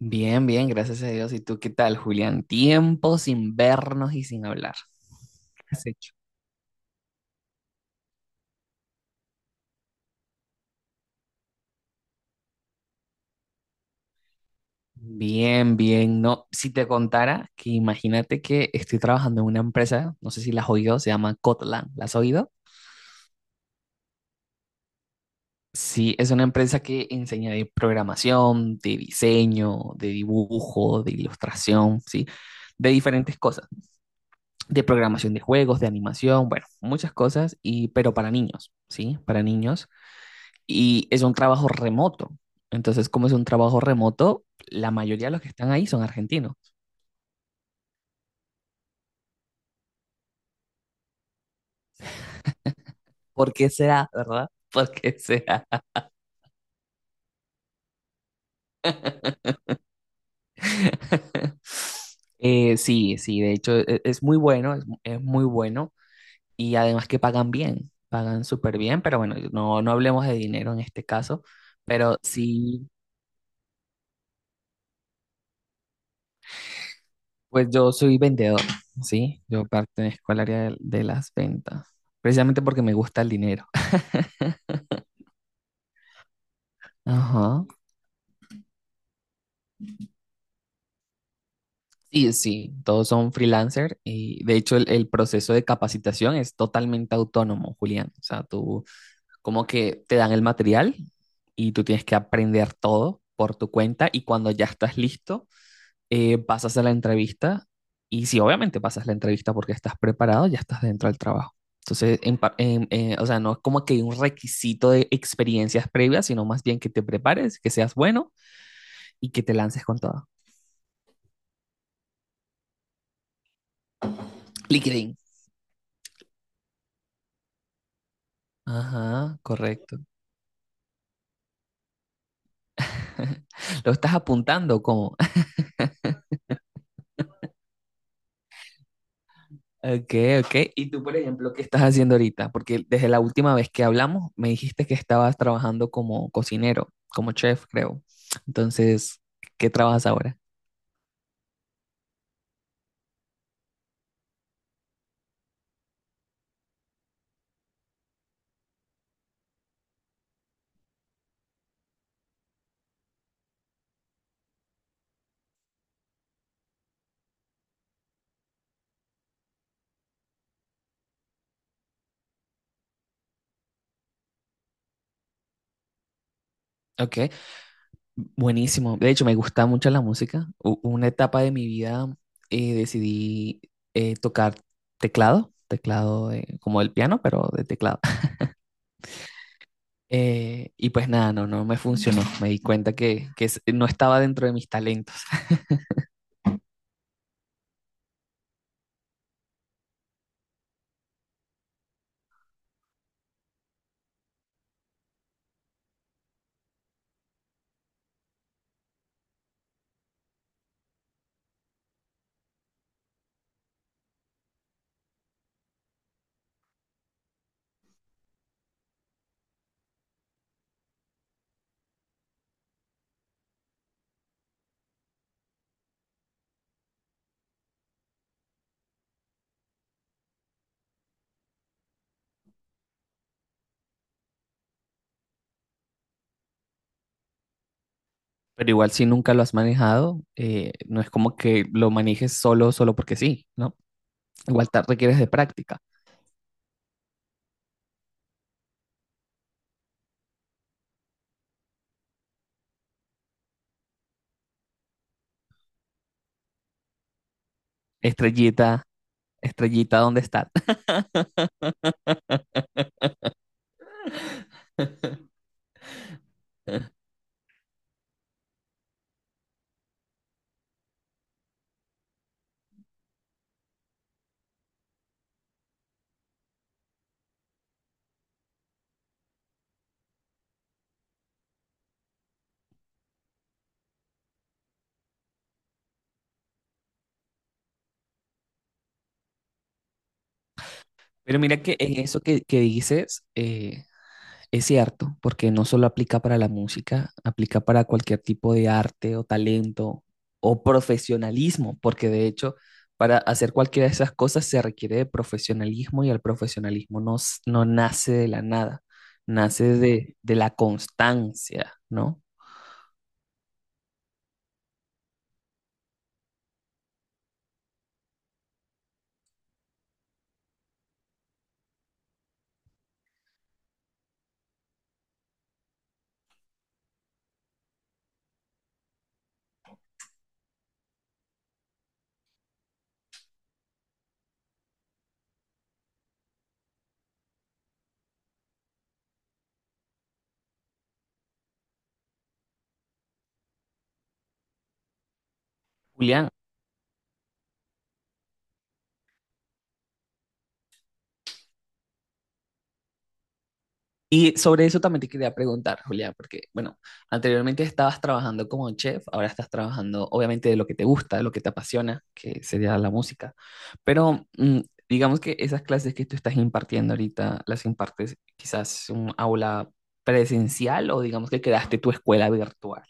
Bien, bien, gracias a Dios. ¿Y tú qué tal, Julián? Tiempo sin vernos y sin hablar. ¿Qué has hecho? Bien, bien. No, si te contara que imagínate que estoy trabajando en una empresa, no sé si la has oído, se llama Kotlin. ¿La has oído? Sí, es una empresa que enseña de programación, de diseño, de dibujo, de ilustración, ¿sí? De diferentes cosas, de programación de juegos, de animación, bueno, muchas cosas, pero para niños, ¿sí? Para niños. Y es un trabajo remoto. Entonces, como es un trabajo remoto, la mayoría de los que están ahí son argentinos. ¿Por qué será, verdad? ¿Por qué será? Sí, de hecho es muy bueno, es muy bueno y además que pagan bien, pagan súper bien, pero bueno, no hablemos de dinero en este caso, pero sí, pues yo soy vendedor, ¿sí? Yo pertenezco al área de las ventas, precisamente porque me gusta el dinero. Ajá. Sí, sí, todos son freelancer y de hecho el proceso de capacitación es totalmente autónomo, Julián. O sea, tú como que te dan el material y tú tienes que aprender todo por tu cuenta y cuando ya estás listo, pasas a la entrevista y si obviamente pasas la entrevista porque estás preparado, ya estás dentro del trabajo. Entonces, o sea, no es como que hay un requisito de experiencias previas, sino más bien que te prepares, que seas bueno y que te lances con todo. LinkedIn. Ajá, correcto. ¿Lo estás apuntando como? Ok, ok. ¿Y tú, por ejemplo, qué estás haciendo ahorita? Porque desde la última vez que hablamos me dijiste que estabas trabajando como cocinero, como chef, creo. Entonces, ¿qué trabajas ahora? Ok, buenísimo. De hecho, me gusta mucho la música. Una etapa de mi vida decidí tocar teclado, como el piano, pero de teclado. Y pues nada, no me funcionó. Me di cuenta que no estaba dentro de mis talentos. Pero igual si nunca lo has manejado, no es como que lo manejes solo, solo porque sí, ¿no? Igual te requieres de práctica. Estrellita, estrellita, ¿dónde estás? Pero mira que en eso que dices, es cierto, porque no solo aplica para la música, aplica para cualquier tipo de arte o talento o profesionalismo, porque de hecho, para hacer cualquiera de esas cosas se requiere de profesionalismo y el profesionalismo no nace de la nada, nace de la constancia, ¿no? Julián, y sobre eso también te quería preguntar, Julia, porque, bueno, anteriormente estabas trabajando como chef, ahora estás trabajando, obviamente, de lo que te gusta, de lo que te apasiona, que sería la música. Pero digamos que esas clases que tú estás impartiendo ahorita, las impartes quizás en un aula presencial o digamos que creaste tu escuela virtual.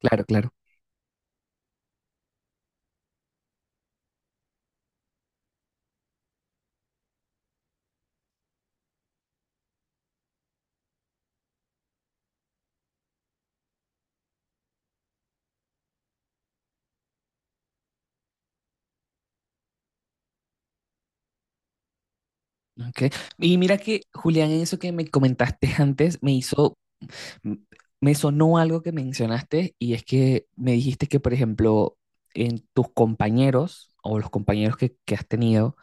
Claro, claro. Ok. Y mira que, Julián, eso que me comentaste antes me hizo. M- me sonó algo que mencionaste y es que me dijiste que, por ejemplo, en tus compañeros o los compañeros que has tenido,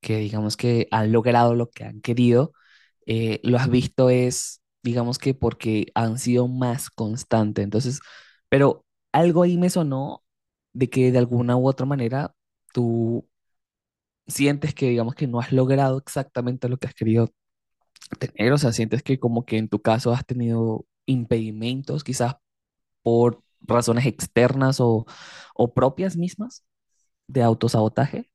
que digamos que han logrado lo que han querido, lo has visto es, digamos que porque han sido más constantes. Entonces, pero algo ahí me sonó de que de alguna u otra manera tú sientes que, digamos que no has logrado exactamente lo que has querido tener, o sea, sientes que como que en tu caso has tenido impedimentos quizás por razones externas o propias mismas de autosabotaje,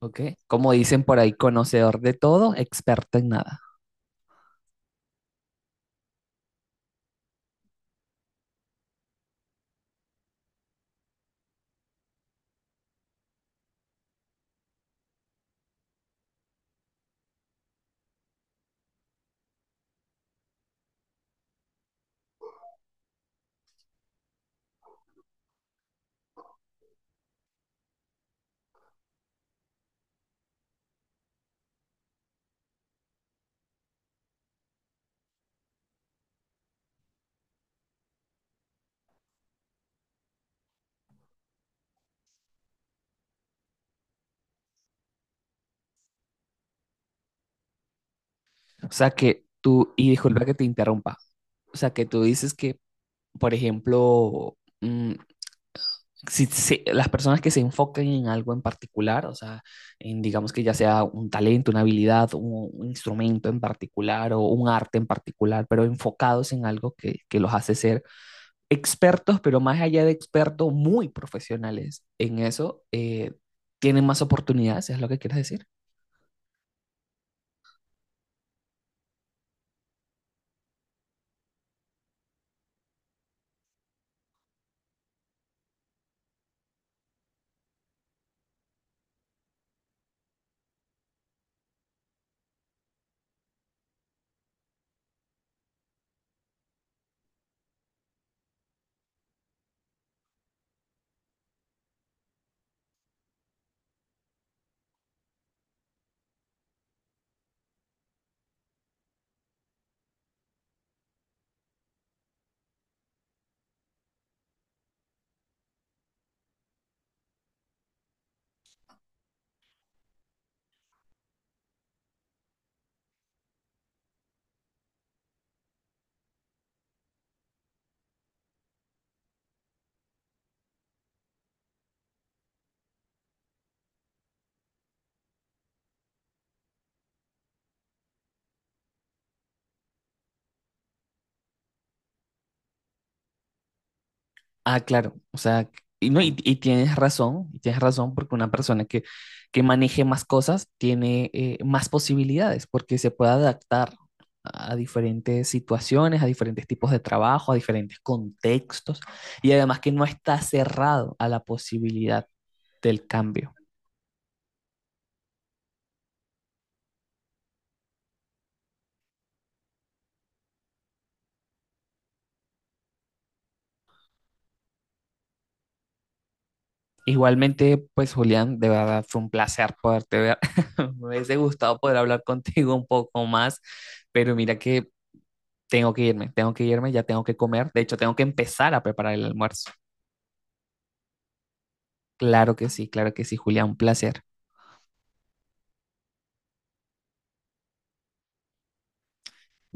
¿ok? Como dicen por ahí, conocedor de todo, experto en nada. O sea que tú, y disculpa que te interrumpa, o sea que tú dices que, por ejemplo, mm, las personas que se enfocan en algo en particular, o sea, en digamos que ya sea un talento, una habilidad, un instrumento en particular o un arte en particular, pero enfocados en algo que los hace ser expertos, pero más allá de expertos, muy profesionales en eso, tienen más oportunidades, es lo que quieres decir. Ah, claro, o sea, y, no, y tienes razón porque una persona que maneje más cosas tiene más posibilidades porque se puede adaptar a diferentes situaciones, a diferentes tipos de trabajo, a diferentes contextos y además que no está cerrado a la posibilidad del cambio. Igualmente, pues Julián, de verdad fue un placer poderte ver. Me hubiese gustado poder hablar contigo un poco más, pero mira que tengo que irme, ya tengo que comer. De hecho, tengo que empezar a preparar el almuerzo. Claro que sí, Julián, un placer.